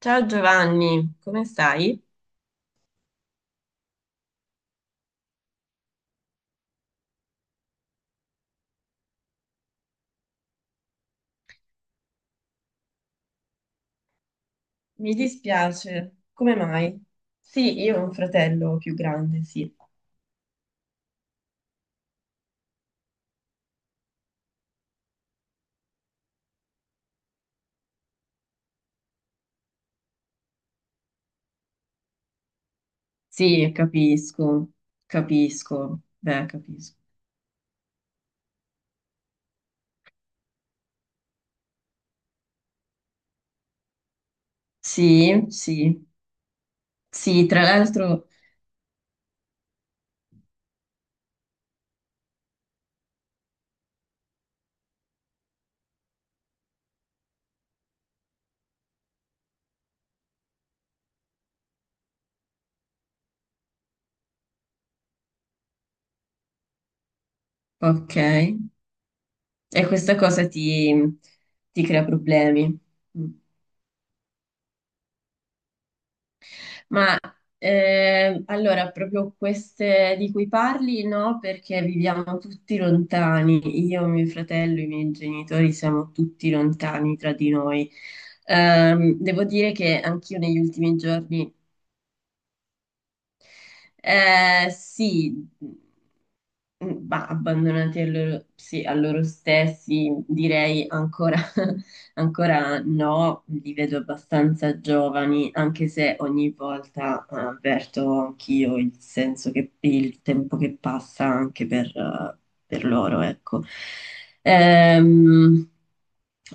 Ciao Giovanni, come stai? Mi dispiace, come mai? Sì, io ho un fratello più grande, sì. Sì, capisco, capisco, beh, capisco. Sì, sì, sì, tra l'altro, ok, e questa cosa ti, ti crea problemi. Mm. Ma allora, proprio queste di cui parli, no, perché viviamo tutti lontani. Io, mio fratello, i miei genitori siamo tutti lontani tra di noi. Devo dire che anch'io negli ultimi giorni, sì, ma abbandonati a loro, sì, a loro stessi, direi ancora. Ancora no, li vedo abbastanza giovani, anche se ogni volta avverto anch'io il senso che il tempo che passa anche per loro, ecco. Ehm,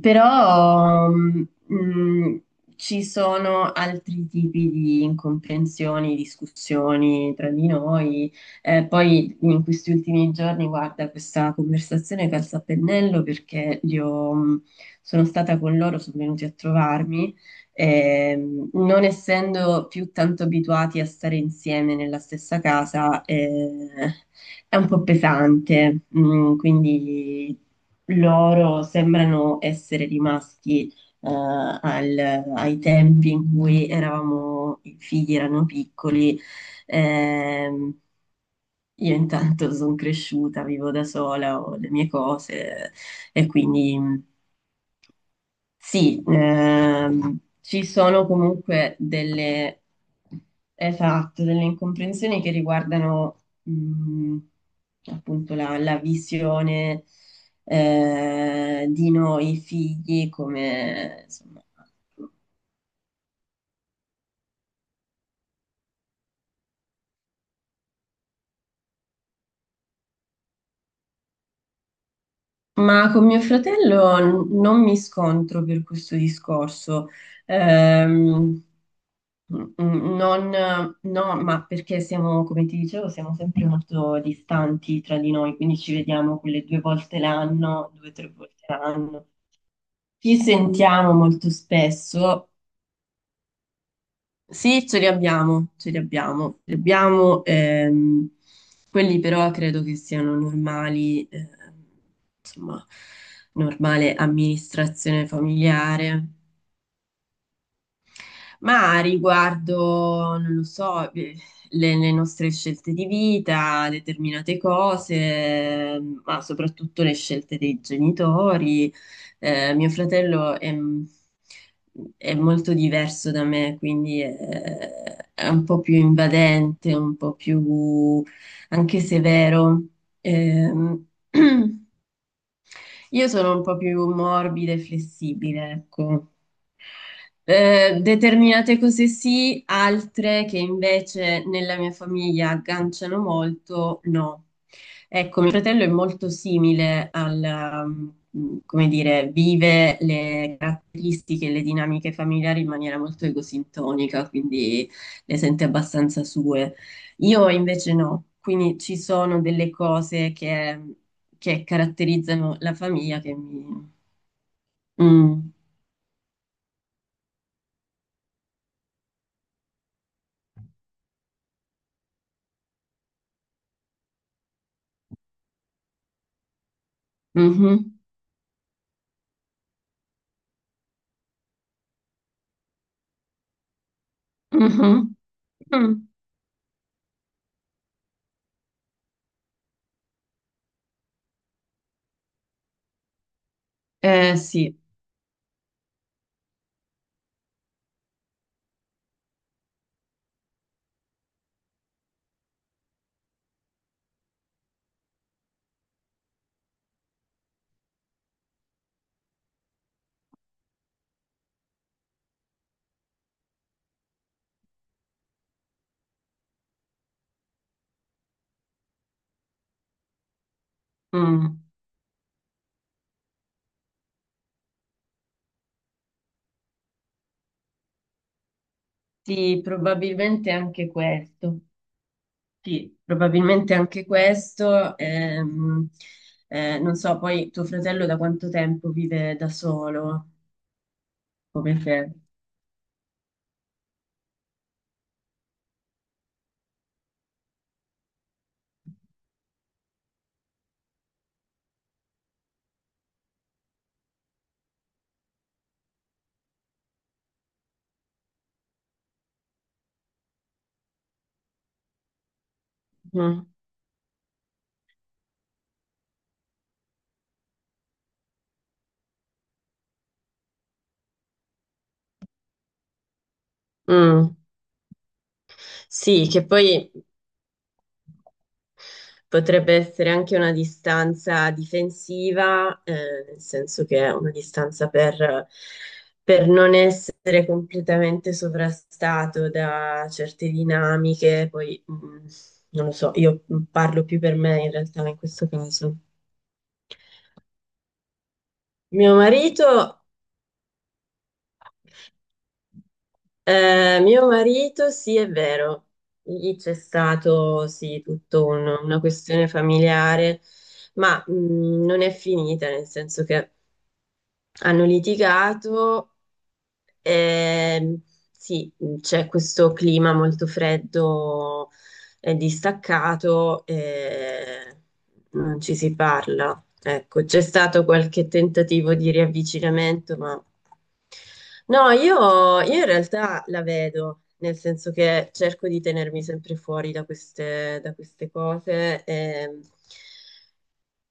Però ci sono altri tipi di incomprensioni, discussioni tra di noi. Poi in questi ultimi giorni, guarda, questa conversazione calza a pennello perché sono stata con loro, sono venuti a trovarmi. Non essendo più tanto abituati a stare insieme nella stessa casa, è un po' pesante, mm, quindi loro sembrano essere rimasti ai tempi in cui eravamo, i figli erano piccoli. Ehm, io intanto sono cresciuta, vivo da sola, ho le mie cose e quindi... Sì, ci sono comunque delle, esatto, delle incomprensioni che riguardano mh, appunto la visione di noi figli come, insomma, ma con mio fratello non mi scontro per questo discorso. Ehm, Mm, mm, Non, no, ma perché siamo, come ti dicevo, siamo sempre molto distanti tra di noi, quindi ci vediamo quelle due volte l'anno, due o tre volte l'anno. Ci sentiamo molto spesso, sì, ce li abbiamo, ce li abbiamo, quelli però credo che siano normali, insomma, normale amministrazione familiare, ma riguardo, non lo so, le nostre scelte di vita, determinate cose, ma soprattutto le scelte dei genitori. Eh, mio fratello è, è molto diverso da me, quindi è un po' più invadente, un po' più anche severo. Ehm, io sono un po' più morbida e flessibile, ecco. Determinate cose sì, altre che invece nella mia famiglia agganciano molto, no. Ecco, mio fratello è molto simile al, come dire, vive le caratteristiche e le dinamiche familiari in maniera molto egosintonica, quindi le sente abbastanza sue. Io invece no, quindi ci sono delle cose che caratterizzano la famiglia che mi... Mm. Mhm. Mhm. Mm. Eh sì, mm. Sì, probabilmente anche questo. Sì, probabilmente anche questo. Non so, poi tuo fratello da quanto tempo vive da solo? Come te? Mm. Mm. Sì, che poi potrebbe essere anche una distanza difensiva, nel senso che è una distanza per non essere completamente sovrastato da certe dinamiche. Poi, non lo so, io parlo più per me in realtà in questo caso. Mio marito, Mio marito, sì, è vero, lì c'è stato, sì, una questione familiare, ma non è finita, nel senso che hanno litigato, ehm, sì, c'è questo clima molto freddo e distaccato, e non ci si parla. Ecco, c'è stato qualche tentativo di riavvicinamento, ma no, io in realtà la vedo, nel senso che cerco di tenermi sempre fuori da queste cose.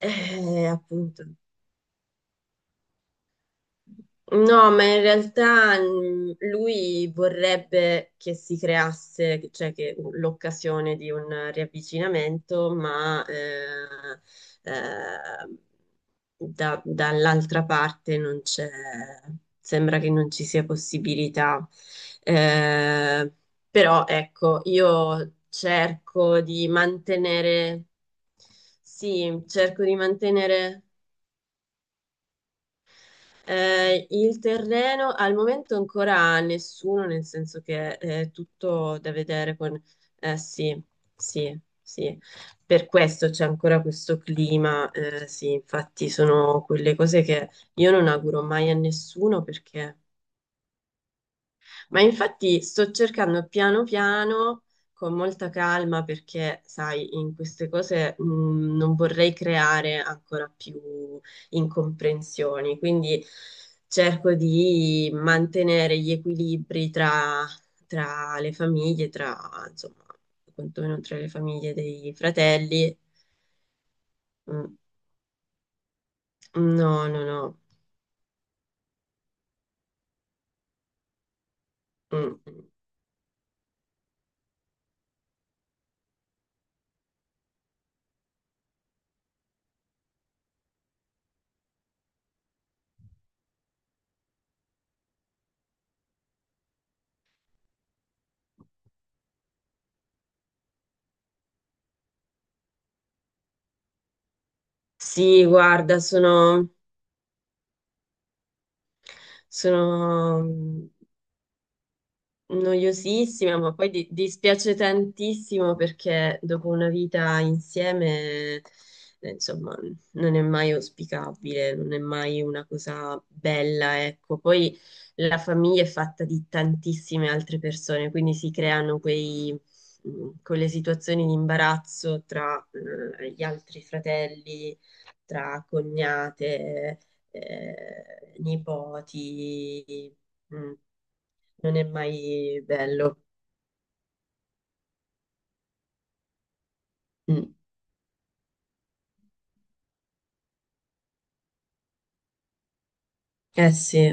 E appunto. No, ma in realtà mm, lui vorrebbe che si creasse, cioè che l'occasione di un riavvicinamento, ma eh, dall'altra parte non c'è, sembra che non ci sia possibilità. Eh, però ecco, io cerco di mantenere, sì, cerco di mantenere. Il terreno al momento ancora nessuno, nel senso che è tutto da vedere con... eh, sì, sì, sì. Per questo c'è ancora questo clima, sì, infatti sono quelle cose che io non auguro mai a nessuno perché ma infatti sto cercando piano piano, con molta calma, perché sai, in queste cose non vorrei creare ancora più incomprensioni, quindi cerco di mantenere gli equilibri tra, tra le famiglie, tra, insomma, quantomeno tra le famiglie dei fratelli. Mm, no, no, no. Mm. Mm. Sì, guarda, sono, sono noiosissima, ma poi dispiace tantissimo perché dopo una vita insieme, insomma, non è mai auspicabile, non è mai una cosa bella, ecco. Poi la famiglia è fatta di tantissime altre persone, quindi si creano quei, quelle situazioni di imbarazzo tra, gli altri fratelli, tra cognate, nipoti. Mm. Non è mai bello. Mm. Eh sì,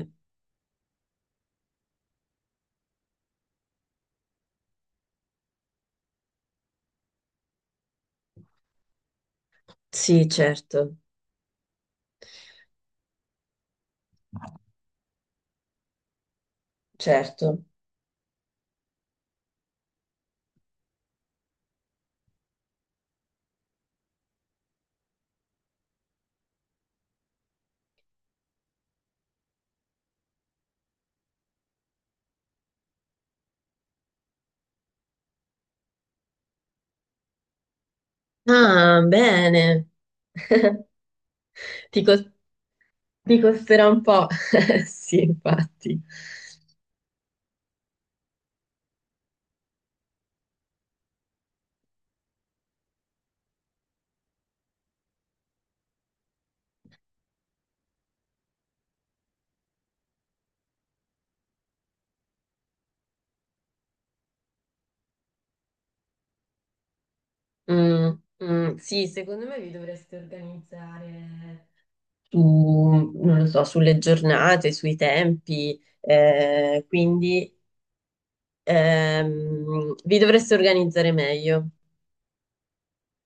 sì, certo, certo. Ah, bene. Ti, cos- Ti costerà un po'. Sì, infatti. Mm, mm, sì, secondo me vi dovreste organizzare su, non lo so, sulle giornate, sui tempi, quindi vi dovreste organizzare meglio.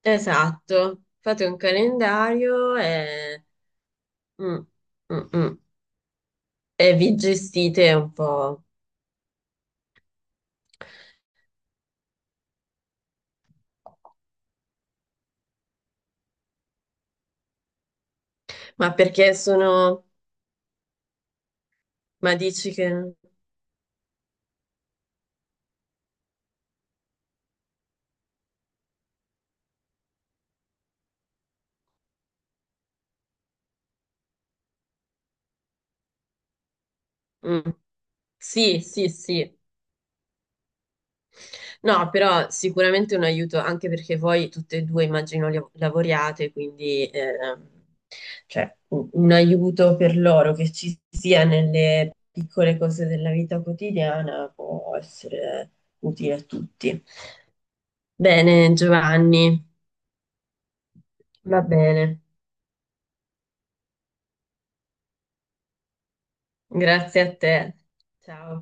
Esatto, fate un calendario e... mm, mm, mm. E vi gestite un po'. Ma perché sono... Ma dici che... Mm. Sì, sì, sì. No, però sicuramente un aiuto, anche perché voi tutte e due immagino lavoriate, quindi cioè, un aiuto per loro che ci sia nelle piccole cose della vita quotidiana può essere utile a tutti. Bene, Giovanni, va bene. Grazie a te. Ciao.